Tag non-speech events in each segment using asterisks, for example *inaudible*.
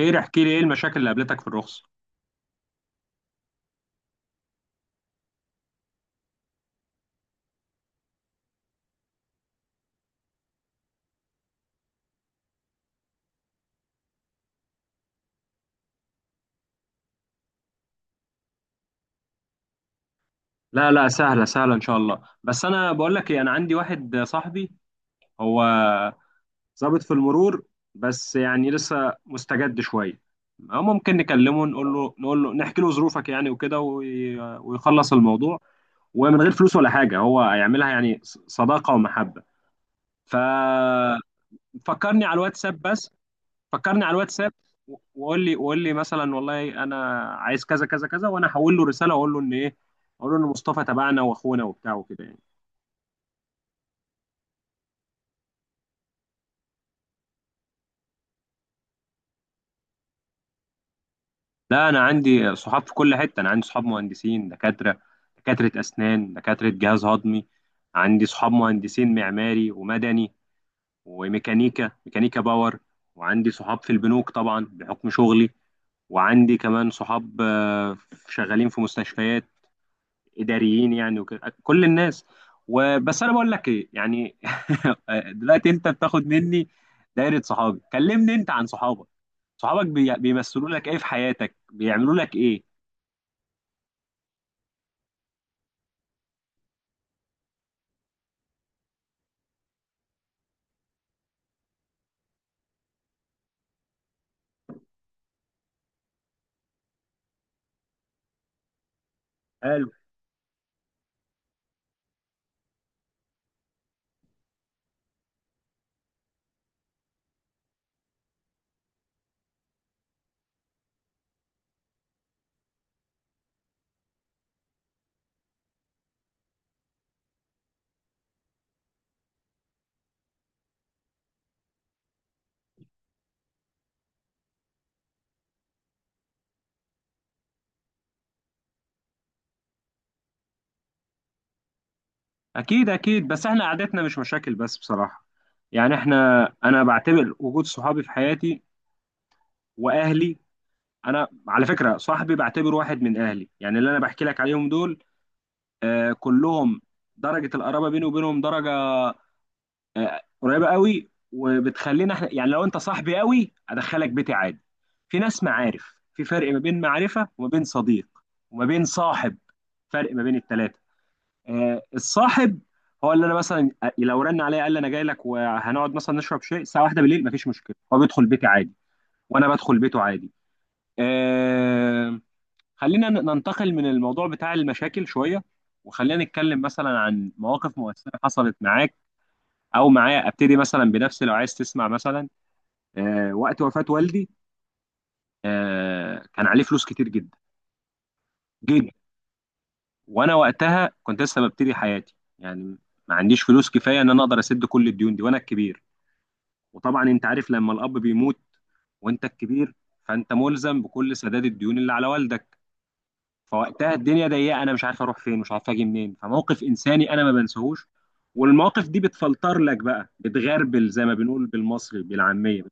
خير، احكي لي ايه المشاكل اللي قابلتك في الرخصة. لا، سهلة ان شاء الله. بس انا بقول لك ايه، انا عندي واحد صاحبي، هو ضابط في المرور، بس يعني لسه مستجد شوية، أو ممكن نكلمه، نقول له نحكي له ظروفك يعني وكده ويخلص الموضوع، ومن غير فلوس ولا حاجة هو هيعملها يعني صداقة ومحبة. ففكرني على الواتساب، بس فكرني على الواتساب. وقول لي مثلا والله انا عايز كذا كذا كذا، وانا هحول له رساله واقول له ان ايه، اقول له ان مصطفى تبعنا واخونا وبتاع وكده يعني. لا، انا عندي صحاب في كل حته، انا عندي صحاب مهندسين، دكاتره، دكاتره اسنان، دكاتره جهاز هضمي، عندي صحاب مهندسين معماري ومدني، وميكانيكا، ميكانيكا باور، وعندي صحاب في البنوك طبعا بحكم شغلي، وعندي كمان صحاب، شغالين في مستشفيات، اداريين يعني وكده كل الناس. وبس انا بقول لك ايه يعني *laughs* دلوقتي انت بتاخد مني دايره صحابي، كلمني انت عن صحابك، صحابك بيمثلوا لك ايه في حياتك، بيعملوا لك ايه؟ قالوا، اكيد، بس احنا قعدتنا مش مشاكل بس بصراحه، يعني احنا، انا بعتبر وجود صحابي في حياتي واهلي، انا على فكره صاحبي بعتبره واحد من اهلي، يعني اللي انا بحكي لك عليهم دول آه كلهم درجه القرابه بيني وبينهم درجه قريبه قوي، وبتخلينا احنا يعني لو انت صاحبي قوي ادخلك بيتي عادي. في ناس معارف، في فرق ما بين معرفه وما بين صديق وما بين صاحب، فرق ما بين الثلاثه. الصاحب هو اللي انا مثلا لو رن عليا قال لي انا جاي لك وهنقعد مثلا نشرب شاي الساعه واحدة بالليل مفيش مشكله، هو بيدخل بيتي عادي وانا بدخل بيته عادي. آه، خلينا ننتقل من الموضوع بتاع المشاكل شويه، وخلينا نتكلم مثلا عن مواقف مؤثره حصلت معاك او معايا. ابتدي مثلا بنفسي لو عايز تسمع. مثلا وقت وفاة والدي كان عليه فلوس كتير جدا جدا، وانا وقتها كنت لسه ببتدي حياتي يعني، ما عنديش فلوس كفايه ان انا اقدر اسد كل الديون دي وانا الكبير، وطبعا انت عارف لما الاب بيموت وانت الكبير فانت ملزم بكل سداد الديون اللي على والدك. فوقتها الدنيا ضيقه، انا مش عارف اروح فين، مش عارف اجي منين، فموقف انساني انا ما بنساهوش، والمواقف دي بتفلتر لك بقى، بتغربل زي ما بنقول بالمصري بالعاميه.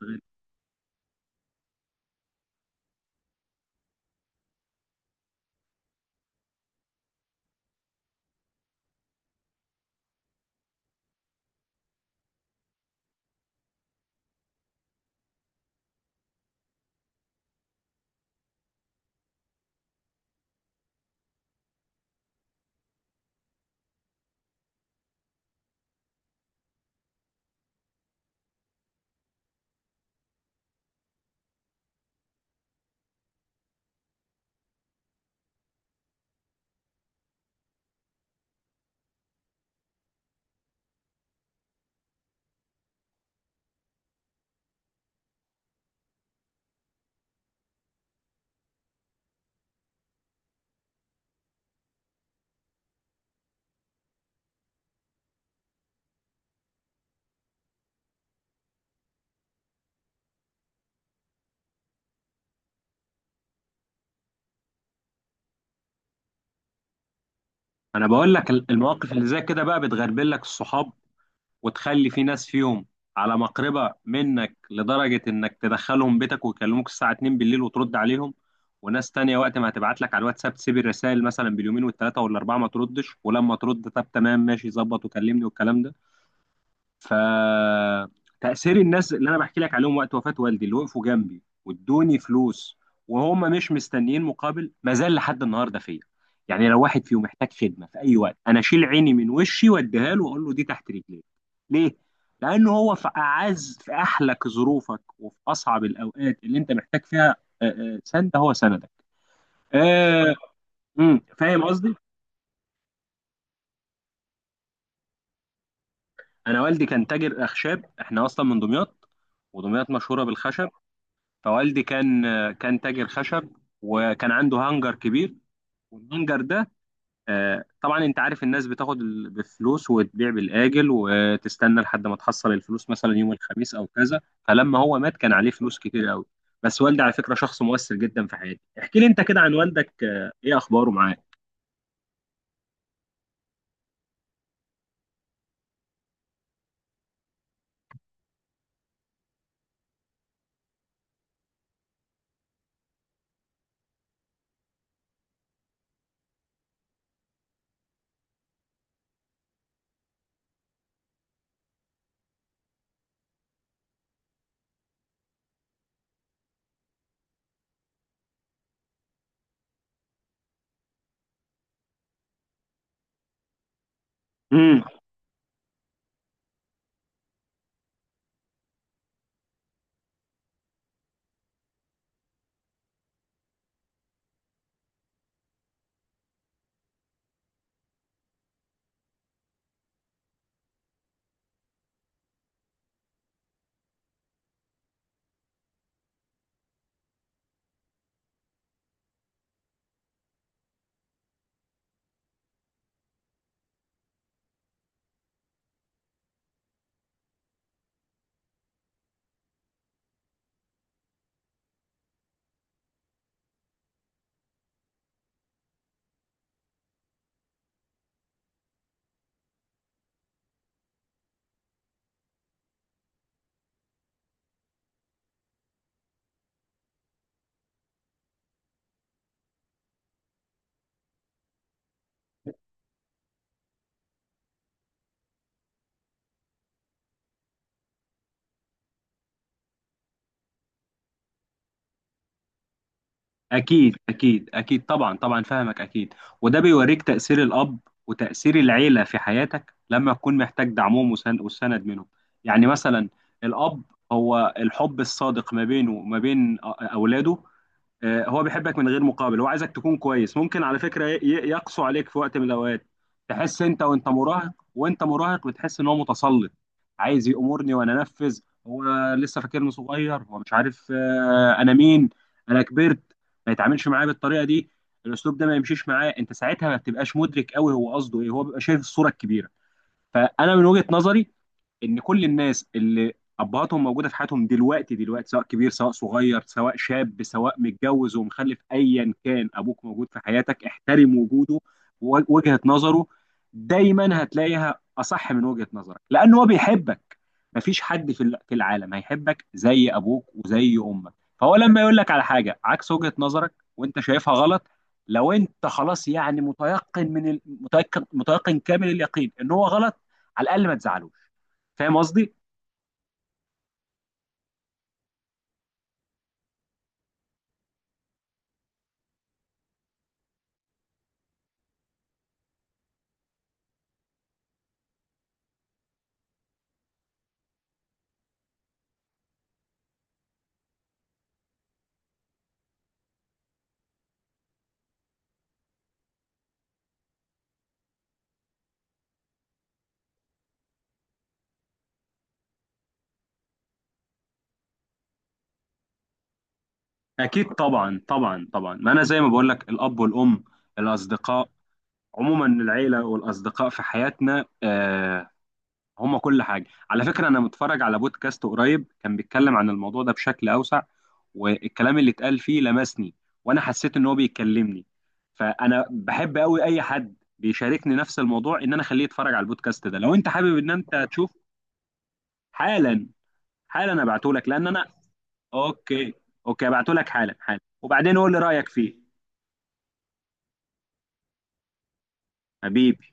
انا بقول لك المواقف اللي زي كده بقى بتغربل لك الصحاب، وتخلي في ناس فيهم على مقربة منك لدرجة انك تدخلهم بيتك ويكلموك الساعة 2 بالليل وترد عليهم، وناس تانية وقت ما هتبعت لك على الواتساب تسيب الرسائل مثلا باليومين والتلاتة والاربعة ما تردش، ولما ترد طب تمام ماشي ظبط وكلمني والكلام ده. فتأثير الناس اللي انا بحكي لك عليهم وقت وفاة والدي اللي وقفوا جنبي وادوني فلوس وهم مش مستنيين مقابل، ما زال لحد النهارده فيا، يعني لو واحد فيهم محتاج خدمه في اي وقت انا اشيل عيني من وشي واديها له واقول له دي تحت رجليك. ليه؟ لانه هو في اعز، في احلك ظروفك وفي اصعب الاوقات اللي انت محتاج فيها سند، هو سندك. آه، فاهم قصدي. انا والدي كان تاجر اخشاب، احنا اصلا من دمياط، ودمياط مشهوره بالخشب، فوالدي كان، كان تاجر خشب، وكان عنده هانجر كبير، والهانجر ده طبعا انت عارف الناس بتاخد بفلوس وتبيع بالاجل وتستنى لحد ما تحصل الفلوس مثلا يوم الخميس او كذا، فلما هو مات كان عليه فلوس كتير قوي. بس والدي على فكره شخص مؤثر جدا في حياتي. احكي لي انت كده عن والدك ايه اخباره معاك. امم أكيد طبعا طبعا فاهمك أكيد. وده بيوريك تأثير الأب وتأثير العيلة في حياتك لما تكون محتاج دعمهم والسند منهم. يعني مثلا، الأب هو الحب الصادق ما بينه وما بين أولاده. هو بيحبك من غير مقابل، هو عايزك تكون كويس، ممكن على فكرة يقسو عليك في وقت من الأوقات، تحس أنت، وأنت مراهق، وأنت مراهق بتحس إن هو متسلط، عايز يأمرني وأنا أنفذ، هو لسه فاكرني صغير، هو مش عارف أنا مين، أنا كبرت، ما يتعاملش معايا بالطريقة دي، الأسلوب ده ما يمشيش معاه. أنت ساعتها ما بتبقاش مدرك قوي هو قصده إيه، هو بيبقى شايف الصورة الكبيرة. فأنا من وجهة نظري ان كل الناس اللي ابهاتهم موجوده في حياتهم دلوقتي، دلوقتي سواء كبير سواء صغير سواء شاب سواء متجوز ومخلف ايا كان ابوك موجود في حياتك احترم وجوده ووجهه نظره، دايما هتلاقيها اصح من وجهه نظرك لان هو بيحبك، مفيش حد في في العالم هيحبك زي ابوك وزي امك. فهو لما يقول لك على حاجه عكس وجهه نظرك وانت شايفها غلط، لو انت خلاص يعني متيقن من متيقن كامل اليقين ان هو غلط، على الاقل ما تزعلوش. فاهم قصدي؟ اكيد طبعا طبعا. ما انا زي ما بقول لك الاب والام، الاصدقاء عموما، العيله والاصدقاء في حياتنا آه هم كل حاجه. على فكره انا متفرج على بودكاست قريب كان بيتكلم عن الموضوع ده بشكل اوسع، والكلام اللي اتقال فيه لمسني، وانا حسيت ان هو بيكلمني. فانا بحب قوي اي حد بيشاركني نفس الموضوع ان انا اخليه يتفرج على البودكاست ده، لو انت حابب ان انت تشوف. حالا، حالا ابعته لك لان انا، اوكي، اوكي هبعته لك حالا، وبعدين قول لي رايك فيه. حبيبي.